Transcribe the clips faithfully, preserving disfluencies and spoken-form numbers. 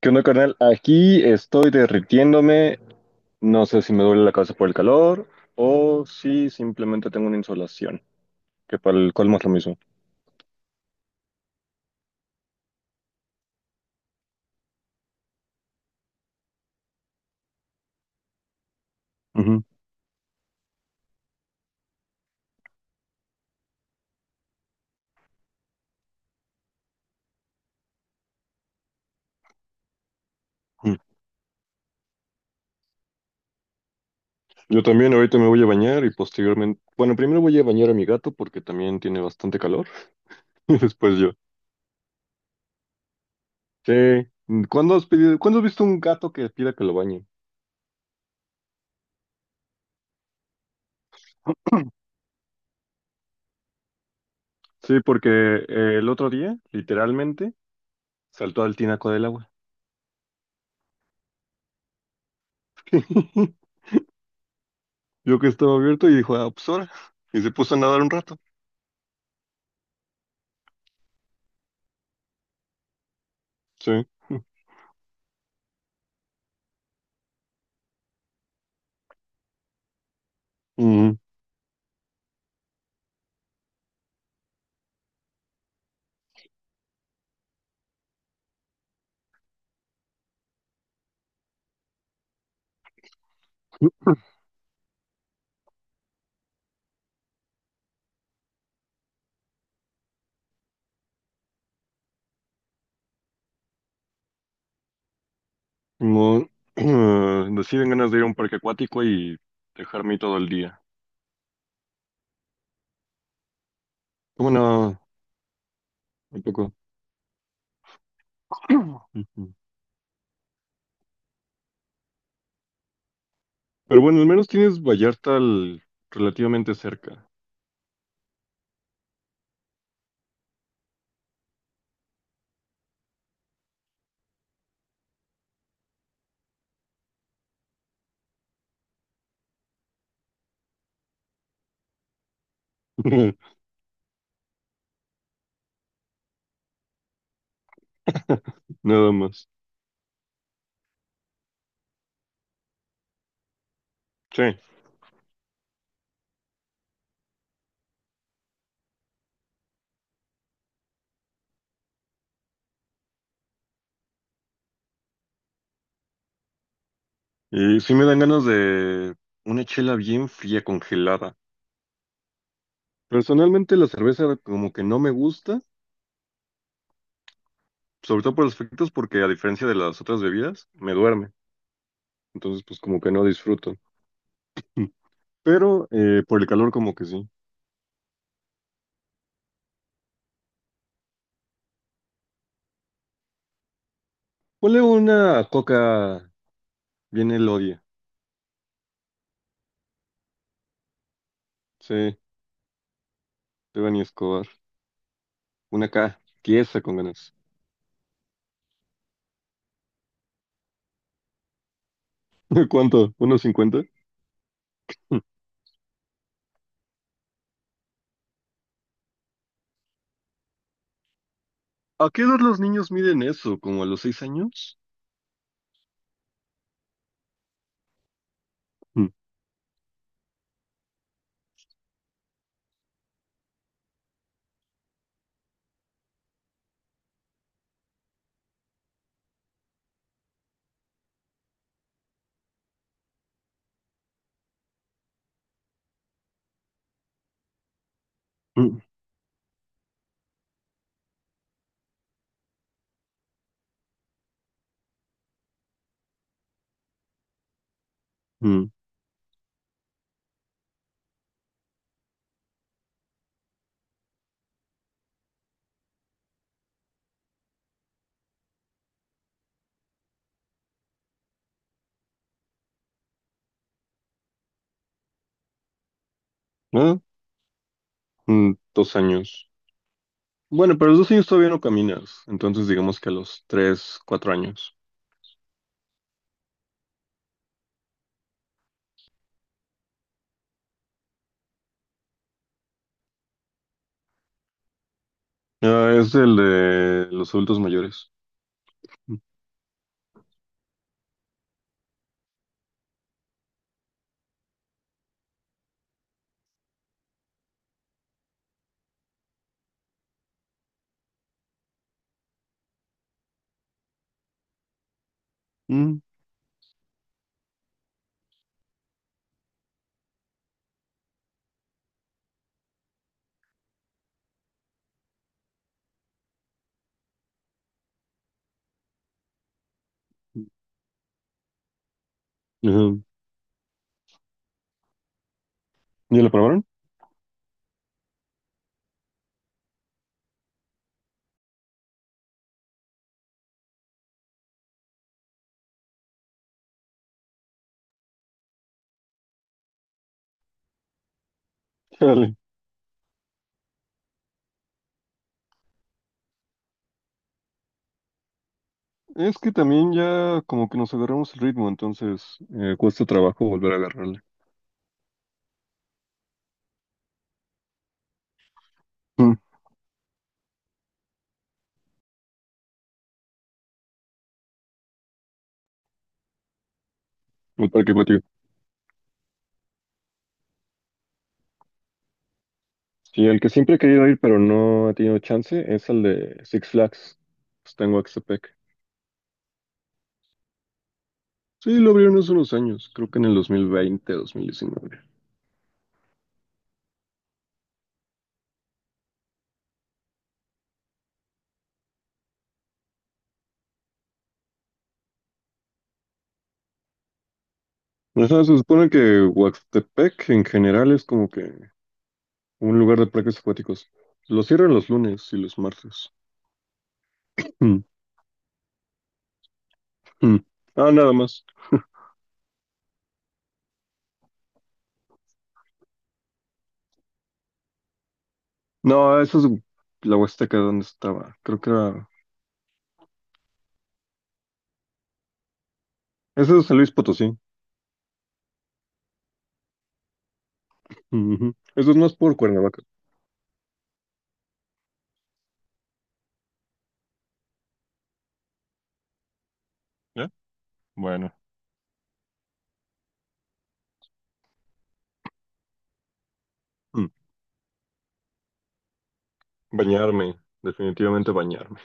¿Qué onda, carnal? Aquí estoy derritiéndome. No sé si me duele la cabeza por el calor o si simplemente tengo una insolación, que para el colmo es lo mismo. Ujú. Mm. Yo también ahorita me voy a bañar y posteriormente, bueno, primero voy a bañar a mi gato porque también tiene bastante calor y después yo. Sí. ¿Cuándo has pedido, cuándo has visto un gato que pida que lo bañe? Sí, porque eh, el otro día, literalmente, saltó al tinaco del agua. Yo que estaba abierto y dijo, ah, pues ahora. Y se puso a nadar un rato. Sí. Mm, no, deciden ganas de ir a un parque acuático y dejarme ahí todo el día. Bueno, tampoco. Ujú. Pero bueno, al menos tienes Vallarta al- relativamente cerca. Nada más. Sí. Y sí me dan ganas de una chela bien fría, congelada. Personalmente la cerveza como que no me gusta, sobre todo por los efectos, porque a diferencia de las otras bebidas, me duerme. Entonces pues como que no disfruto. Pero eh, por el calor como que sí. Ponle una coca bien Elodia. Sí, Devani Escobar. Una K, tiesa con ganas. ¿Cuánto? ¿Unos cincuenta? ¿A qué edad los niños miden eso? ¿Como a los seis años? Mm, mm, mm. ¿Ah? Mm, dos años. Bueno, pero a los dos años todavía no caminas. Entonces digamos que a los tres, cuatro años. Ah, es el de los adultos mayores. Mm, mm, ajá. ¿Ya lo probaron? Dale. Es que también ya como que nos agarramos el ritmo, entonces eh, cuesta trabajo volver a agarrarlo. Mm, el parque acuático. Sí, el que siempre he querido ir, pero no he tenido chance, es el de Six Flags. Pues tengo Axtepec. Sí, lo abrieron hace unos años, creo que en el dos dos mil veinte dos mil diecinueve. Ajá, se supone que Huastepec en general es como que un lugar de parques acuáticos. Lo cierran los lunes y los martes. Mm, mm. Ah, nada más. No, esa es la Huasteca donde estaba. Creo que era... Ese es San Luis Potosí. Ujú. Eso es más por Cuernavaca. ¿Eh? Bueno. Bañarme, definitivamente bañarme.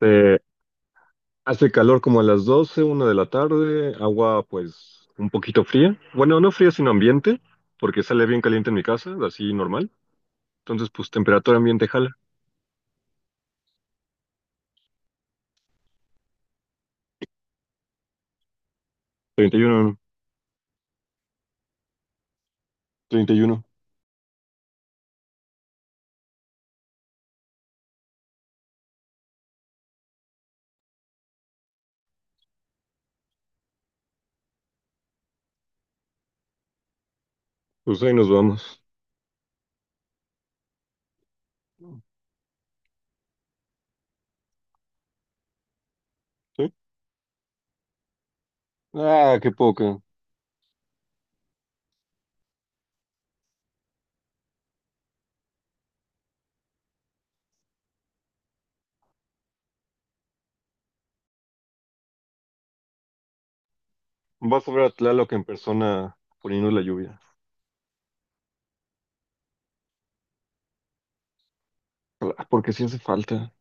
Eh, hace calor como a las doce, una de la tarde, agua pues un poquito fría. Bueno, no fría, sino ambiente, porque sale bien caliente en mi casa, así normal. Entonces, pues temperatura ambiente jala. treinta y uno, treinta y uno. Pues ahí nos vamos. ¿Sí? Ah, qué poco. Vas a ver a Tlaloc en persona poniendo la lluvia. Ah, porque sí hace falta.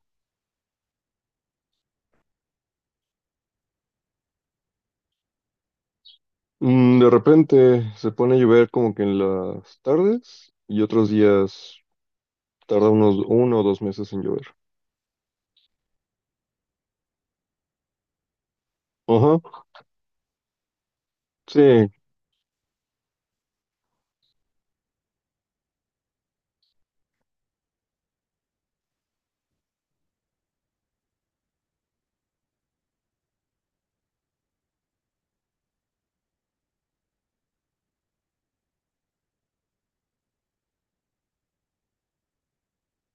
Mm, de repente se pone a llover como que en las tardes y otros días tarda unos uno o dos meses en llover. Ajá, sí.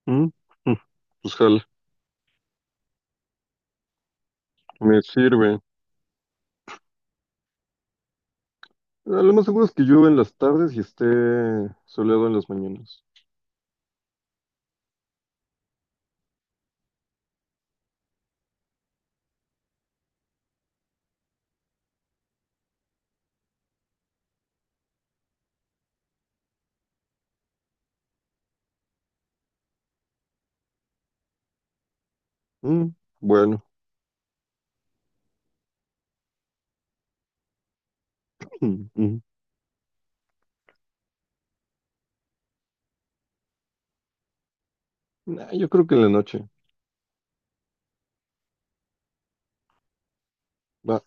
¿Mm? Mm. Pues jala, me sirve. Ah, lo más seguro es que llueva en las tardes y esté soleado en las mañanas. Mm, bueno, mm, mm. Nah, yo creo que en la noche. Va.